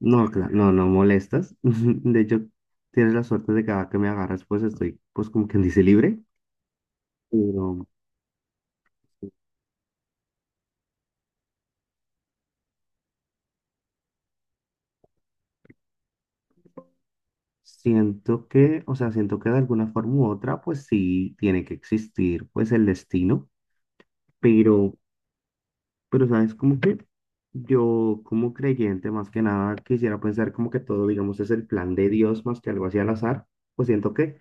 No, claro no, no molestas. De hecho, tienes la suerte de que cada que me agarras, pues estoy, pues como quien dice, libre. Pero siento que, o sea, siento que de alguna forma u otra, pues sí tiene que existir, pues el destino. Pero, pero, ¿sabes? Como que yo, como creyente, más que nada, quisiera pensar como que todo, digamos, es el plan de Dios más que algo así al azar. Pues siento que,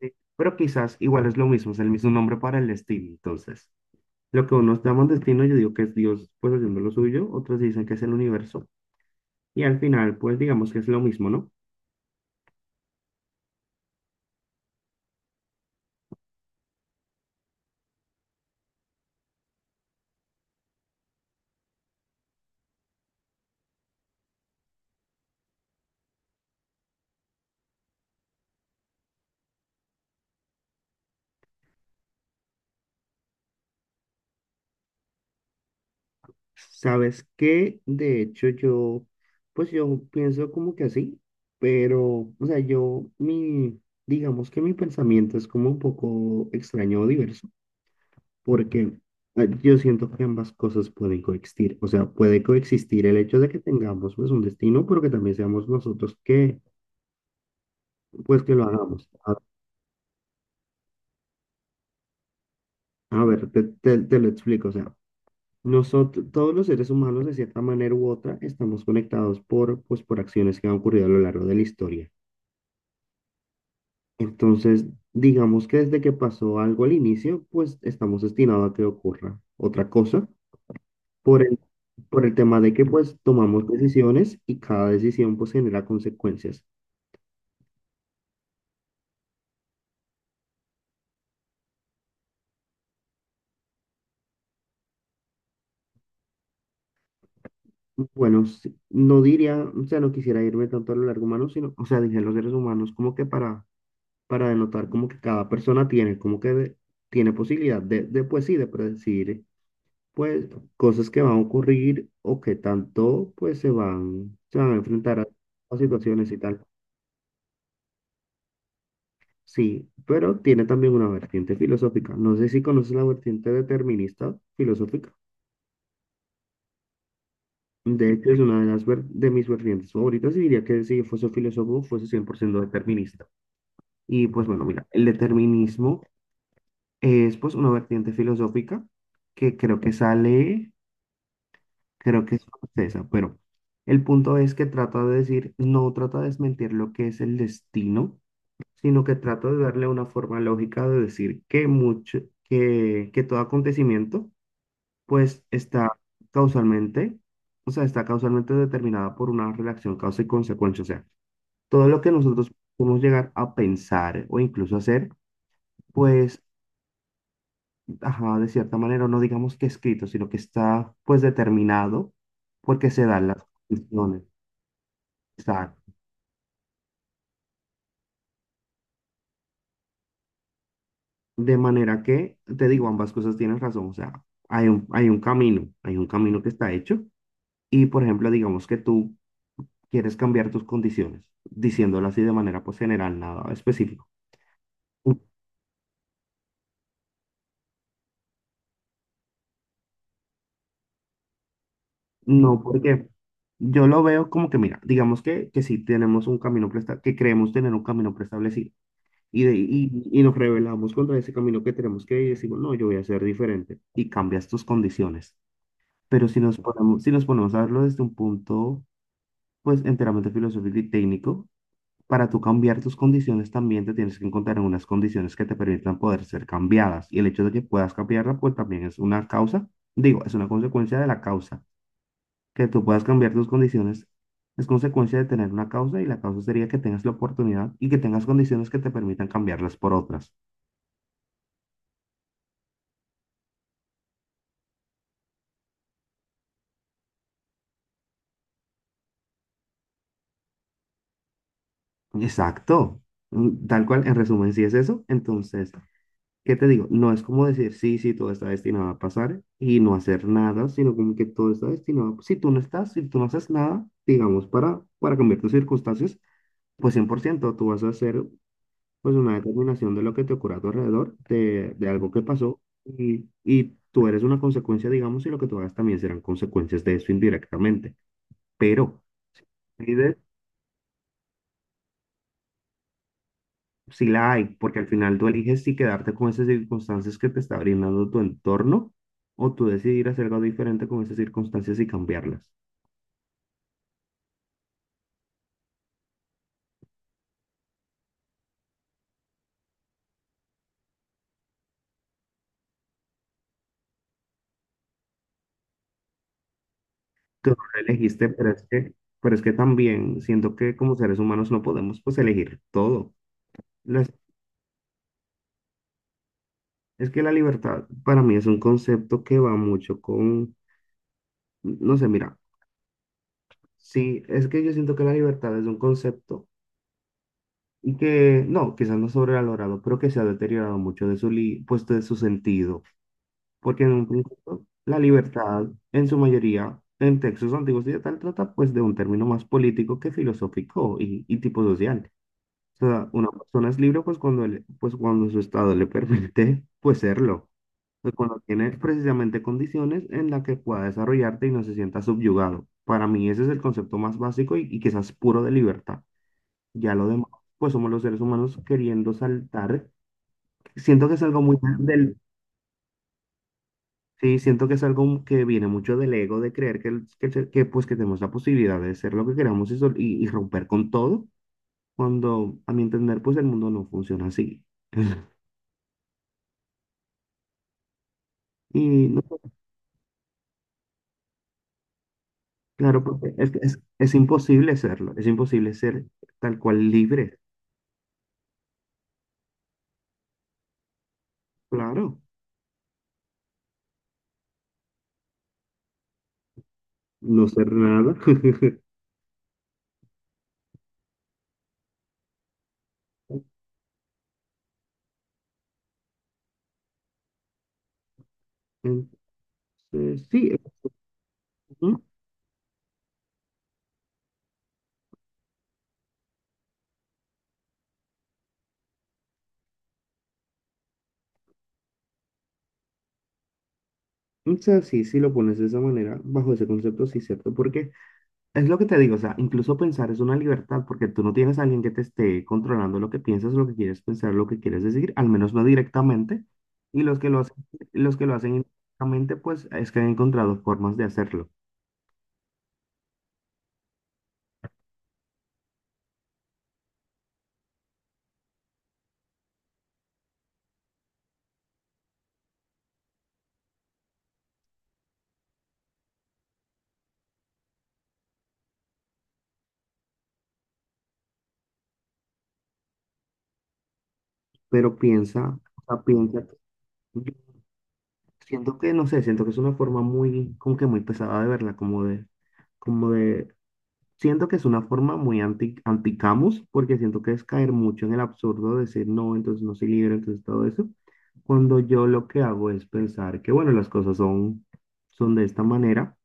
pero quizás igual es lo mismo, es el mismo nombre para el destino, entonces. Lo que unos llaman destino, yo digo que es Dios pues haciendo lo suyo, otros dicen que es el universo. Y al final, pues digamos que es lo mismo, ¿no? Sabes que, de hecho, yo, pues yo pienso como que así, pero, o sea, yo, mi, digamos que mi pensamiento es como un poco extraño o diverso, porque yo siento que ambas cosas pueden coexistir. O sea, puede coexistir el hecho de que tengamos pues un destino, pero que también seamos nosotros que, pues que lo hagamos. A ver, te, te lo explico, o sea. Nosotros, todos los seres humanos, de cierta manera u otra, estamos conectados por, pues, por acciones que han ocurrido a lo largo de la historia. Entonces, digamos que desde que pasó algo al inicio, pues estamos destinados a que ocurra otra cosa por el, por el tema de que pues tomamos decisiones y cada decisión pues genera consecuencias. Bueno, sí, no diría, o sea, no quisiera irme tanto a lo largo humano, sino, o sea, dije los seres humanos como que para denotar como que cada persona tiene como que de- tiene posibilidad de pues sí, de predecir pues cosas que van a ocurrir o que tanto pues se van a enfrentar a situaciones y tal. Sí, pero tiene también una vertiente filosófica. No sé si conoces la vertiente determinista filosófica. De hecho, es una de las ver- de mis vertientes favoritas y diría que si yo fuese filósofo, fuese 100% determinista. Y pues bueno, mira, el determinismo es pues una vertiente filosófica que creo que sale. Creo que es francesa, pero el punto es que trata de decir, no trata de desmentir lo que es el destino, sino que trata de darle una forma lógica de decir que mucho, que todo acontecimiento, pues está causalmente, o sea, está causalmente determinada por una relación causa y consecuencia. O sea, todo lo que nosotros podemos llegar a pensar o incluso hacer, pues, ajá, de cierta manera, no digamos que escrito, sino que está, pues, determinado porque se dan las condiciones. Exacto. De manera que, te digo, ambas cosas tienen razón. O sea, hay un camino que está hecho. Y, por ejemplo, digamos que tú quieres cambiar tus condiciones, diciéndolo así de manera pues general, nada específico. Mm, no, porque yo lo veo como que, mira, digamos que sí tenemos un camino presta que creemos tener un camino preestablecido. Y, de, y nos rebelamos contra ese camino que tenemos que ir y decimos, no, yo voy a ser diferente. Y cambias tus condiciones. Pero si nos ponemos, si nos ponemos a verlo desde un punto pues enteramente filosófico y técnico. Para tú cambiar tus condiciones también te tienes que encontrar en unas condiciones que te permitan poder ser cambiadas. Y el hecho de que puedas cambiarla, pues también es una causa, digo, es una consecuencia de la causa. Que tú puedas cambiar tus condiciones es consecuencia de tener una causa y la causa sería que tengas la oportunidad y que tengas condiciones que te permitan cambiarlas por otras. Exacto. Mm, tal cual, en resumen, si es eso, entonces ¿qué te digo? No es como decir, sí, sí, todo está destinado a pasar y no hacer nada, sino como que todo está destinado. Si tú no estás, si tú no haces nada, digamos, para cambiar tus circunstancias, pues 100% tú vas a hacer pues una determinación de lo que te ocurre a tu alrededor, de algo que pasó y tú eres una consecuencia, digamos, y lo que tú hagas también serán consecuencias de eso indirectamente. Pero si si la hay, porque al final tú eliges si quedarte con esas circunstancias que te está brindando tu entorno o tú decidir hacer algo diferente con esas circunstancias y cambiarlas. Tú no la elegiste, pero es que también siento que como seres humanos no podemos pues elegir todo. Las- es que la libertad para mí es un concepto que va mucho con, no sé, mira, sí, es que yo siento que la libertad es un concepto y que, no, quizás no sobrevalorado, pero que se ha deteriorado mucho de su, li- pues, de su sentido porque en un principio la libertad, en su mayoría, en textos antiguos y de tal, trata pues de un término más político que filosófico y tipo social. O sea, una persona es libre pues cuando, le- pues cuando su estado le permite pues serlo, pues, cuando tiene precisamente condiciones en las que pueda desarrollarte y no se sienta subyugado. Para mí ese es el concepto más básico y quizás puro de libertad. Ya lo demás, pues somos los seres humanos queriendo saltar. Siento que es algo muy del. Sí, siento que es algo que viene mucho del ego, de creer que, el ser- que, pues, que tenemos la posibilidad de ser lo que queramos y, sol- y romper con todo, cuando a mi entender, pues el mundo no funciona así. Y no, claro, porque es imposible serlo, es imposible ser tal cual libre, claro, no ser nada. Entonces, sí, ujú, o sea, sí, si lo pones de esa manera, bajo ese concepto, sí, cierto, porque es lo que te digo, o sea, incluso pensar es una libertad porque tú no tienes a alguien que te esté controlando lo que piensas, lo que quieres pensar, lo que quieres decir, al menos no directamente. Y los que lo hacen, los que lo hacen indirectamente, pues es que han encontrado formas de hacerlo. Pero piensa, o sea, piensa, yo siento que, no sé, siento que es una forma muy, como que muy pesada de verla, como de, siento que es una forma muy anti, anticamus, porque siento que es caer mucho en el absurdo de decir no, entonces no soy libre, entonces todo eso. Cuando yo lo que hago es pensar que, bueno, las cosas son, son de esta manera,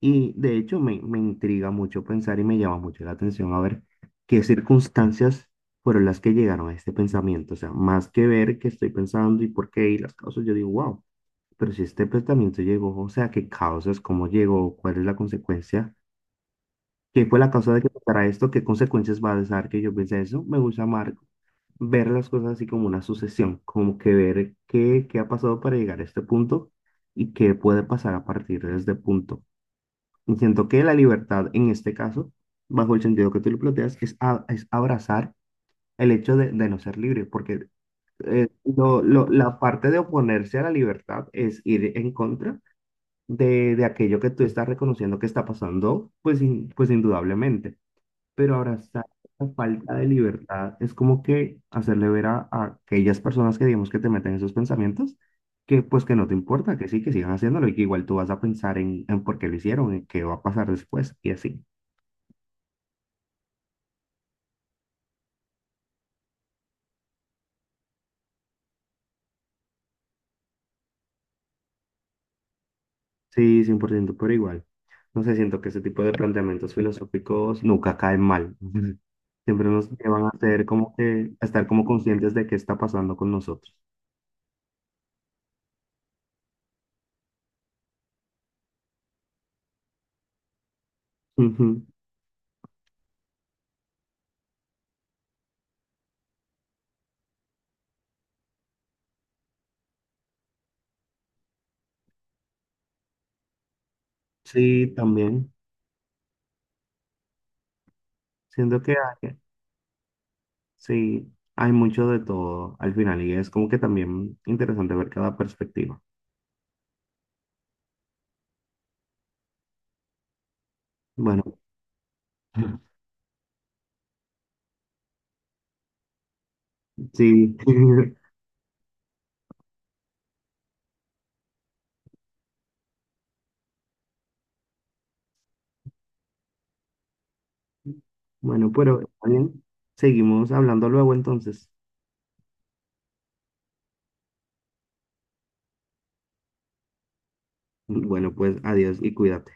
y de hecho me, me intriga mucho pensar y me llama mucho la atención a ver qué circunstancias fueron las que llegaron a este pensamiento. O sea, más que ver qué estoy pensando y por qué y las causas, yo digo, wow, pero si este pensamiento llegó, o sea, qué causas, cómo llegó, cuál es la consecuencia. ¿Qué fue la causa de que pasara esto? ¿Qué consecuencias va a dejar que yo piense eso? Me gusta, Marco, ver las cosas así como una sucesión, como que ver qué, qué ha pasado para llegar a este punto y qué puede pasar a partir de este punto. Y siento que la libertad en este caso, bajo el sentido que tú lo planteas, es, a- es abrazar el hecho de no ser libre, porque lo- la parte de oponerse a la libertad es ir en contra de aquello que tú estás reconociendo que está pasando, pues, in- pues indudablemente, pero abrazar la falta de libertad es como que hacerle ver a aquellas personas que digamos que te meten esos pensamientos, que pues que no te importa, que sí, que sigan haciéndolo y que igual tú vas a pensar en por qué lo hicieron, en qué va a pasar después y así. Sí, 100% pero igual. No sé, siento que ese tipo de planteamientos filosóficos nunca caen mal. Siempre nos llevan a hacer como que, a estar como conscientes de qué está pasando con nosotros. Ujú. Sí, también. Siento que hay, sí, hay mucho de todo al final y es como que también interesante ver cada perspectiva. Bueno, sí. Bueno, pero está bien. Seguimos hablando luego entonces. Bueno, pues adiós y cuídate.